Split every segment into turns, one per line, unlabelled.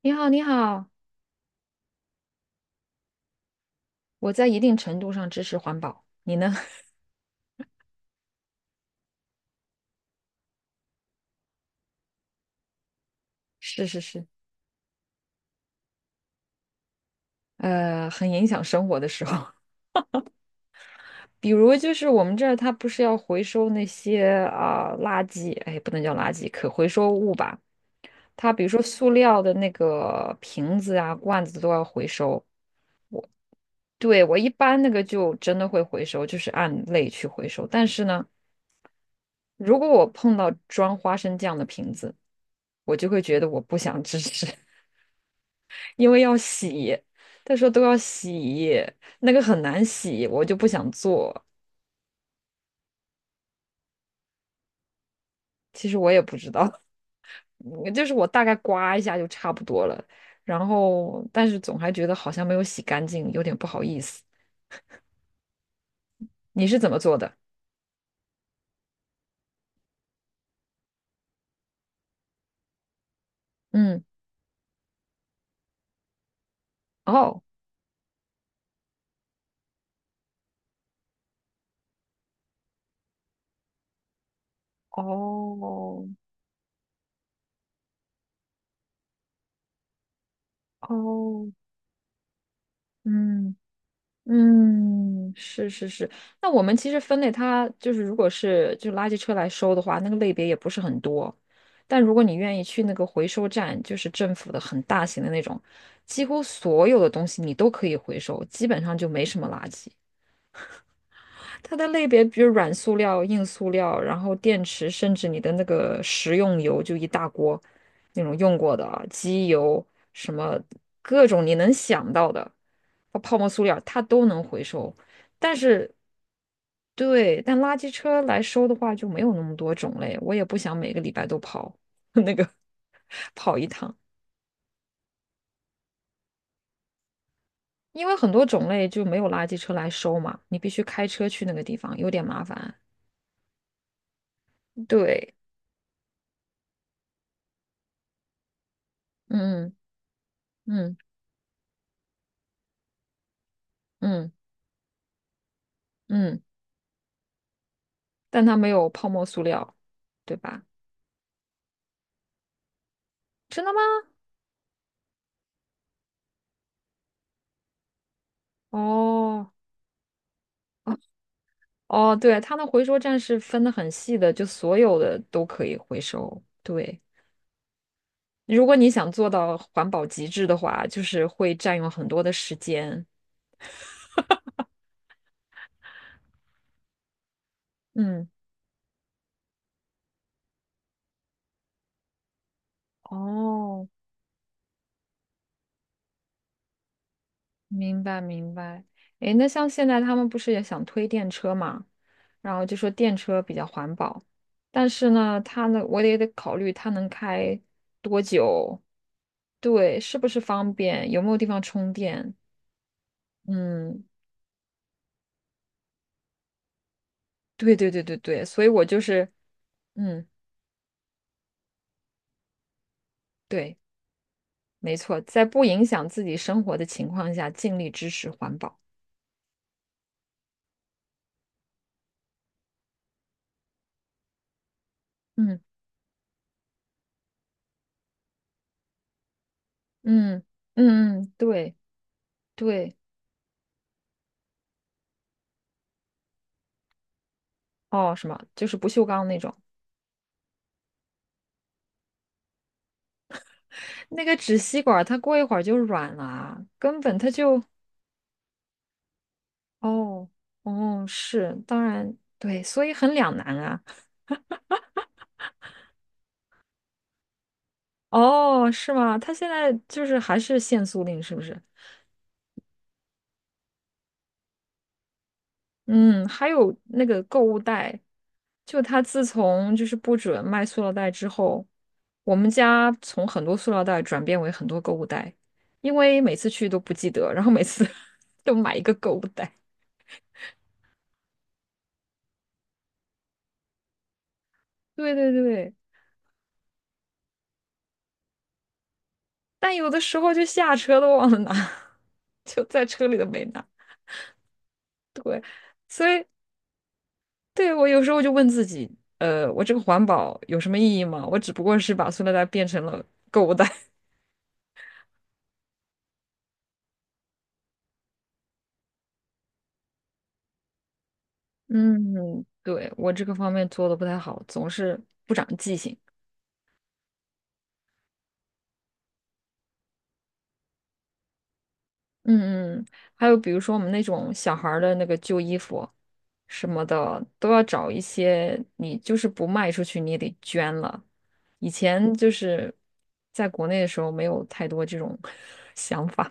你好，你好，我在一定程度上支持环保，你呢？是是是，很影响生活的时候，比如就是我们这儿它不是要回收那些啊、垃圾，哎，不能叫垃圾，可回收物吧？它比如说塑料的那个瓶子啊、罐子都要回收。对，我一般那个就真的会回收，就是按类去回收。但是呢，如果我碰到装花生酱的瓶子，我就会觉得我不想支持。因为要洗，他说都要洗，那个很难洗，我就不想做。其实我也不知道，就是我大概刮一下就差不多了，然后但是总还觉得好像没有洗干净，有点不好意思。你是怎么做的？嗯，哦，哦，哦，嗯。嗯，是是是。那我们其实分类它就是，如果是就垃圾车来收的话，那个类别也不是很多。但如果你愿意去那个回收站，就是政府的很大型的那种，几乎所有的东西你都可以回收，基本上就没什么垃圾。它的类别比如软塑料、硬塑料，然后电池，甚至你的那个食用油，就一大锅那种用过的啊，机油什么各种你能想到的，包泡沫塑料它都能回收。但是，对，但垃圾车来收的话就没有那么多种类，我也不想每个礼拜都跑 那个跑一趟，因为很多种类就没有垃圾车来收嘛，你必须开车去那个地方，有点麻烦。对，嗯嗯。嗯嗯，但它没有泡沫塑料，对吧？真的吗？哦哦哦，对，它的回收站是分得很细的，就所有的都可以回收。对，如果你想做到环保极致的话，就是会占用很多的时间。嗯，哦，明白明白。诶，那像现在他们不是也想推电车嘛，然后就说电车比较环保，但是呢，它呢，我也得考虑它能开多久，对，是不是方便，有没有地方充电？嗯，对对对对对，所以我就是，嗯，对，没错，在不影响自己生活的情况下，尽力支持环保。嗯嗯嗯嗯，对对，哦，什么，就是不锈钢那种。那个纸吸管，它过一会儿就软了啊，根本它就哦哦是，当然对，所以很两难啊。哦，是吗？它现在就是还是限塑令，是不是？嗯，还有那个购物袋，就它自从就是不准卖塑料袋之后，我们家从很多塑料袋转变为很多购物袋，因为每次去都不记得，然后每次 都买一个购物袋。对对对。但有的时候就下车都忘了拿，就在车里都没拿。过。所以，对，我有时候就问自己，我这个环保有什么意义吗？我只不过是把塑料袋变成了购物袋。嗯，对，我这个方面做的不太好，总是不长记性。嗯嗯，还有比如说我们那种小孩儿的那个旧衣服什么的，都要找一些你就是不卖出去，你也得捐了。以前就是在国内的时候，没有太多这种 想法。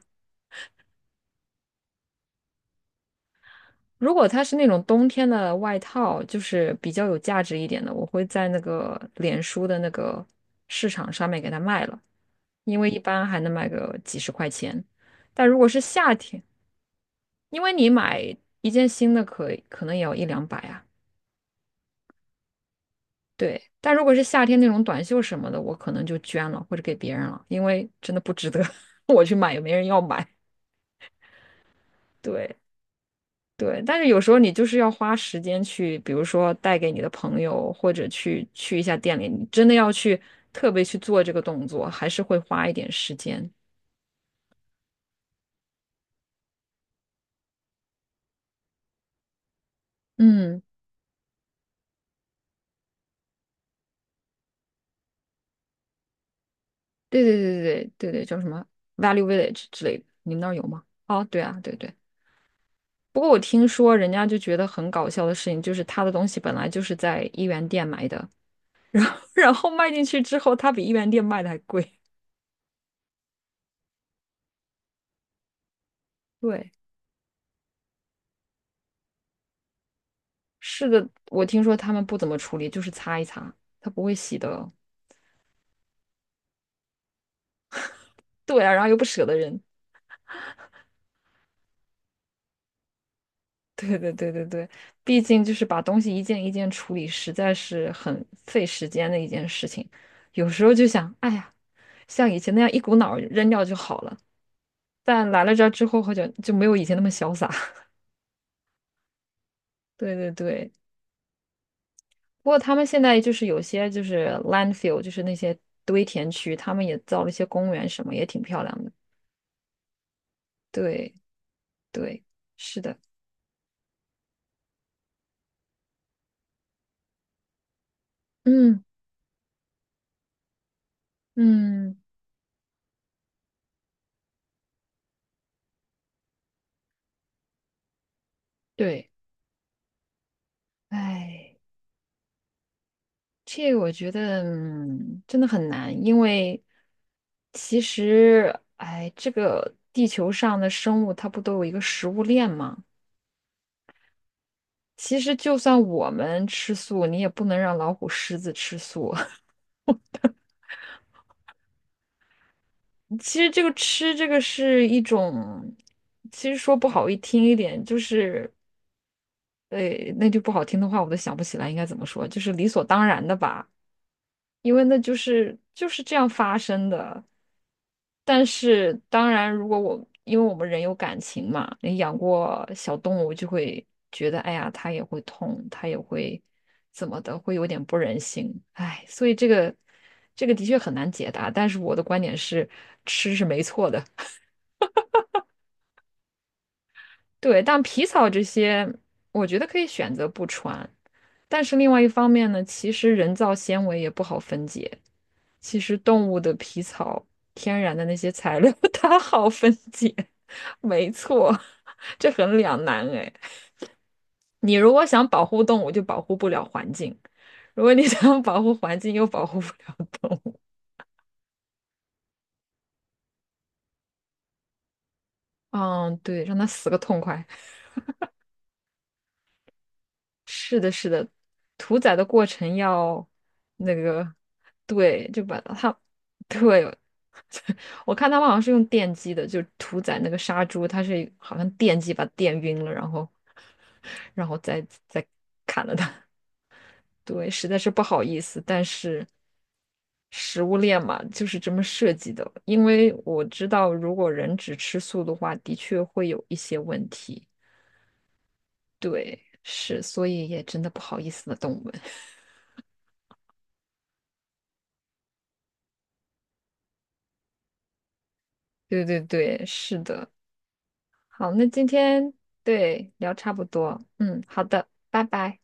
如果它是那种冬天的外套，就是比较有价值一点的，我会在那个脸书的那个市场上面给它卖了，因为一般还能卖个几十块钱。但如果是夏天，因为你买一件新的可可能也要一两百啊，对。但如果是夏天那种短袖什么的，我可能就捐了或者给别人了，因为真的不值得 我去买，也没人要买。对对，但是有时候你就是要花时间去，比如说带给你的朋友，或者去去一下店里，你真的要去特别去做这个动作，还是会花一点时间。嗯，对对对对对对，叫什么 Value Village 之类的，你们那儿有吗？哦，对啊，对对。不过我听说人家就觉得很搞笑的事情，就是他的东西本来就是在一元店买的，然后卖进去之后，他比一元店卖的还贵。对，是的，我听说他们不怎么处理，就是擦一擦，他不会洗的。对啊，然后又不舍得扔。对对对对对，毕竟就是把东西一件一件处理，实在是很费时间的一件事情。有时候就想，哎呀，像以前那样一股脑儿扔掉就好了。但来了这儿之后，好像就没有以前那么潇洒。对对对，不过他们现在就是有些就是 landfill，就是那些堆填区，他们也造了一些公园什么，也挺漂亮的。对对，是的，嗯嗯，对，哎，这个我觉得嗯真的很难，因为其实哎，这个地球上的生物它不都有一个食物链吗？其实就算我们吃素，你也不能让老虎、狮子吃素。其实这个吃这个是一种，其实说不好一听一点，就是，呃，那句不好听的话，我都想不起来应该怎么说，就是理所当然的吧，因为那就是这样发生的。但是当然，如果我因为我们人有感情嘛，你养过小动物就会觉得，哎呀，它也会痛，它也会怎么的，会有点不忍心，哎，所以这个的确很难解答。但是我的观点是，吃是没错的。对，但皮草这些，我觉得可以选择不穿。但是另外一方面呢，其实人造纤维也不好分解。其实动物的皮草，天然的那些材料，它好分解。没错，这很两难哎。你如果想保护动物，就保护不了环境；如果你想保护环境，又保护不了动物。嗯，对，让它死个痛快。是的，是的，屠宰的过程要那个，对，就把它，对，我看他们好像是用电击的，就屠宰那个杀猪，它是好像电击把它电晕了，然后，然后再砍了它。对，实在是不好意思，但是食物链嘛，就是这么设计的。因为我知道，如果人只吃素的话，的确会有一些问题。对，是，所以也真的不好意思的动物们。对对对，是的。好，那今天对聊差不多，嗯，好的，拜拜。